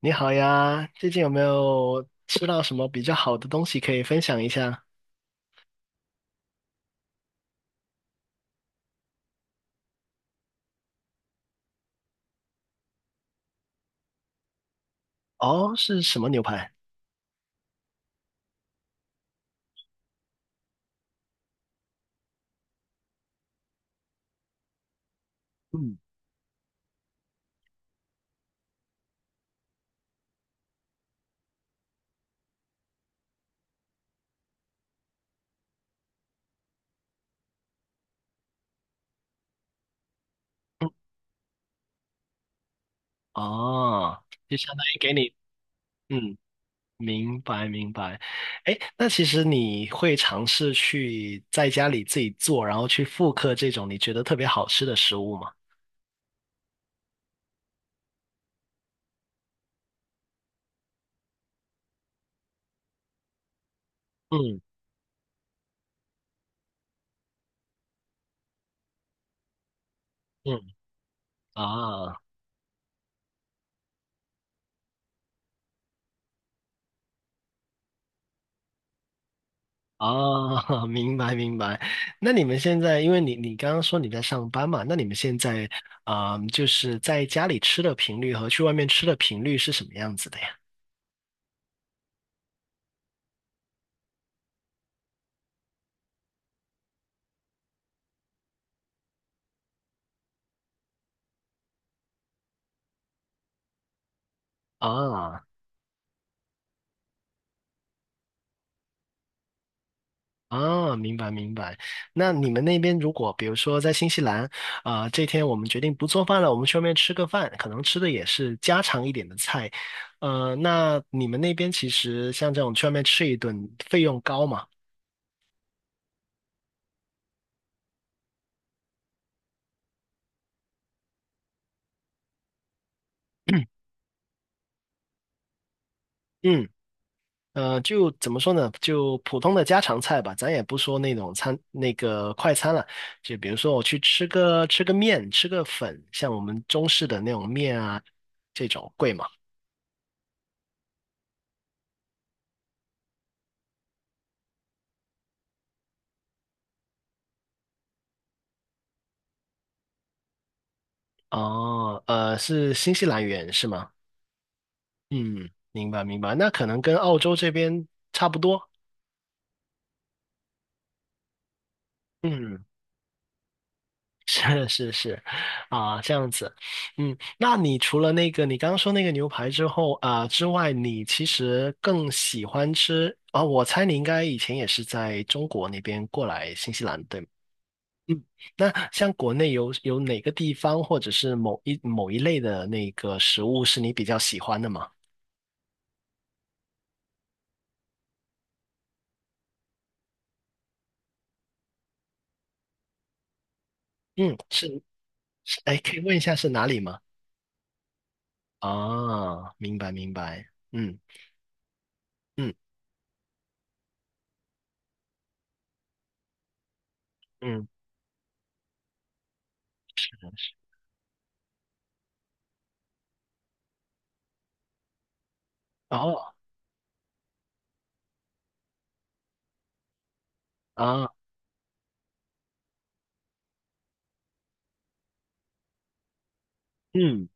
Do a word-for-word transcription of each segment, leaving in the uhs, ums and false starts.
你好呀，最近有没有吃到什么比较好的东西可以分享一下？哦，是什么牛排？嗯，哦，就相当于给你，嗯，明白明白。哎，那其实你会尝试去在家里自己做，然后去复刻这种你觉得特别好吃的食物吗？嗯嗯，啊。啊，明白明白。那你们现在，因为你你刚刚说你在上班嘛，那你们现在啊、就是在家里吃的频率和去外面吃的频率是什么样子的呀？啊啊，明白明白。那你们那边如果比如说在新西兰啊、这天我们决定不做饭了，我们去外面吃个饭，可能吃的也是家常一点的菜。呃，那你们那边其实像这种去外面吃一顿费用高嘛？嗯呃，就怎么说呢？就普通的家常菜吧，咱也不说那种餐，那个快餐了。就比如说我去吃个吃个面，吃个粉，像我们中式的那种面啊，这种贵吗？哦，呃，是新西兰元是吗？嗯，明白明白。那可能跟澳洲这边差不多。嗯。是是是，啊，这样子，嗯，那你除了那个你刚刚说那个牛排之后啊之外，你其实更喜欢吃啊？我猜你应该以前也是在中国那边过来新西兰，对吗？嗯，那像国内有有哪个地方或者是某一某一类的那个食物是你比较喜欢的吗？嗯，是，是哎，可以问一下是哪里吗？啊，明白明白，嗯嗯嗯，哦啊，嗯。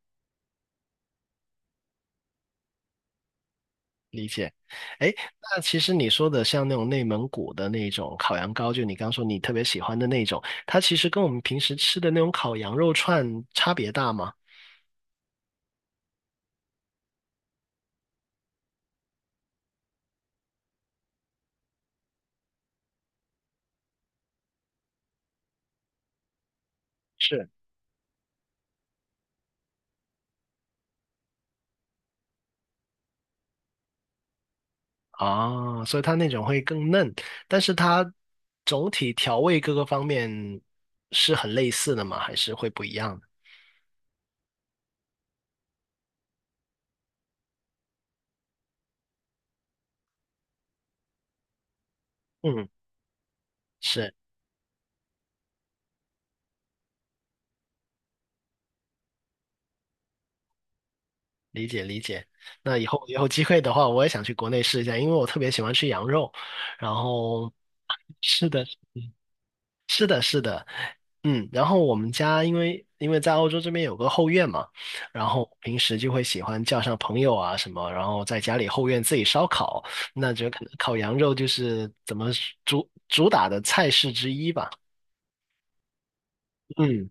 理解，哎，那其实你说的像那种内蒙古的那种烤羊羔，就你刚说你特别喜欢的那种，它其实跟我们平时吃的那种烤羊肉串差别大吗？是，啊，所以它那种会更嫩，但是它总体调味各个方面是很类似的吗？还是会不一样的？嗯，是，理解理解。那以后有机会的话，我也想去国内试一下，因为我特别喜欢吃羊肉，然后。是的，是的，是的，嗯，然后我们家因为因为在欧洲这边有个后院嘛，然后平时就会喜欢叫上朋友啊什么，然后在家里后院自己烧烤，那就可能烤羊肉就是怎么主主打的菜式之一吧。嗯，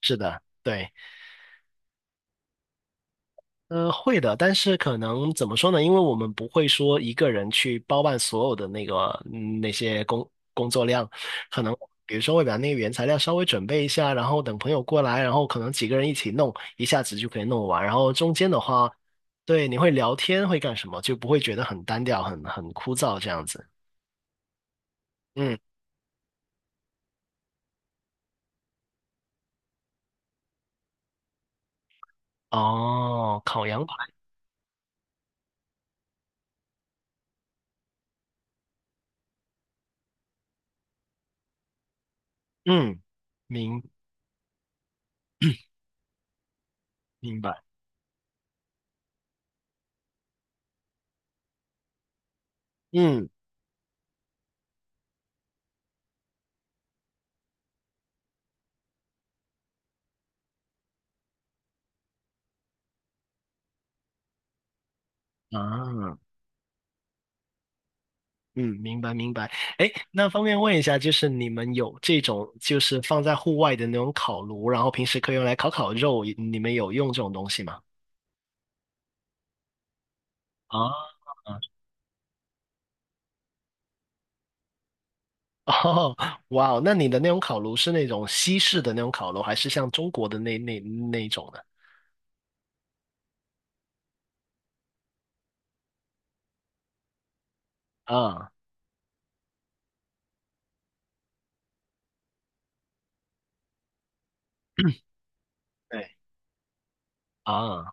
是的，对。呃，会的，但是可能怎么说呢？因为我们不会说一个人去包办所有的那个嗯那些工工作量，可能比如说会把那个原材料稍微准备一下，然后等朋友过来，然后可能几个人一起弄，一下子就可以弄完。然后中间的话，对，你会聊天，会干什么，就不会觉得很单调、很很枯燥这样子。嗯，哦，烤羊排，嗯，明明白，嗯啊。嗯，明白明白。哎，那方便问一下，就是你们有这种就是放在户外的那种烤炉，然后平时可以用来烤烤肉，你们有用这种东西吗？啊 哦，哇哦，那你的那种烤炉是那种西式的那种烤炉，还是像中国的那那那一种的？啊，对 啊，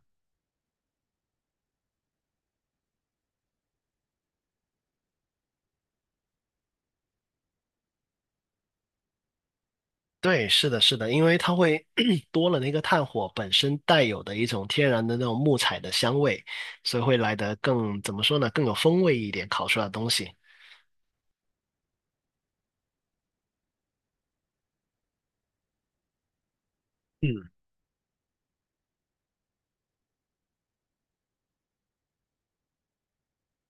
对，是的，是的，因为它会 多了那个炭火本身带有的一种天然的那种木材的香味，所以会来得更，怎么说呢，更有风味一点，烤出来的东西。嗯。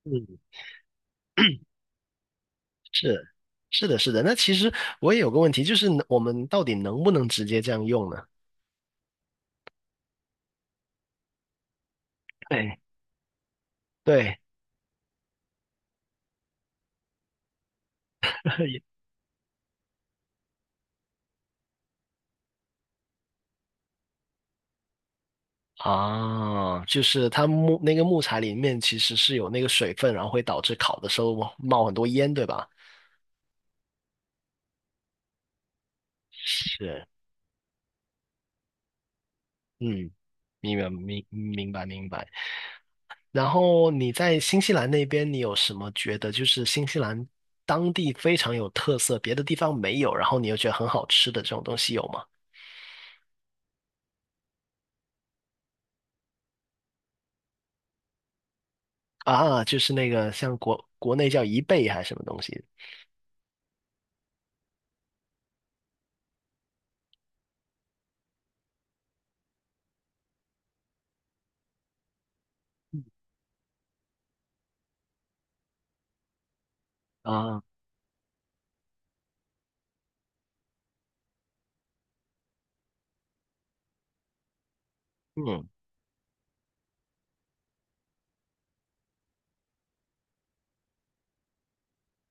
嗯，是是的，是的。那其实我也有个问题，就是能我们到底能不能直接这样用呢？对，对，啊，就是它木那个木材里面其实是有那个水分，然后会导致烤的时候冒很多烟，对吧？是，嗯，明白明明白明白。然后你在新西兰那边，你有什么觉得就是新西兰当地非常有特色，别的地方没有，然后你又觉得很好吃的这种东西有吗？啊，就是那个像国国内叫贻贝还是什么东西啊？嗯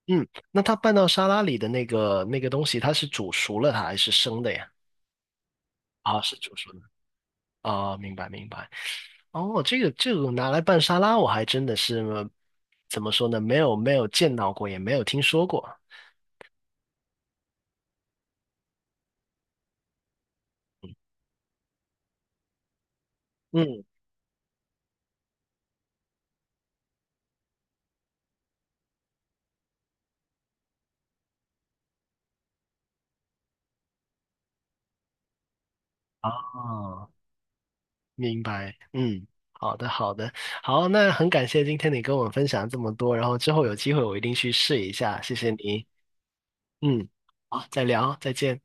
嗯，那它拌到沙拉里的那个那个东西，它是煮熟了它还是生的呀？啊，是煮熟的啊，明白明白。哦，这个这个拿来拌沙拉，我还真的是怎么说呢？没有没有见到过，也没有听说过。嗯，啊，明白。嗯，好的好的，好，那很感谢今天你跟我分享这么多，然后之后有机会我一定去试一下，谢谢你。嗯，好，再聊啊，再见。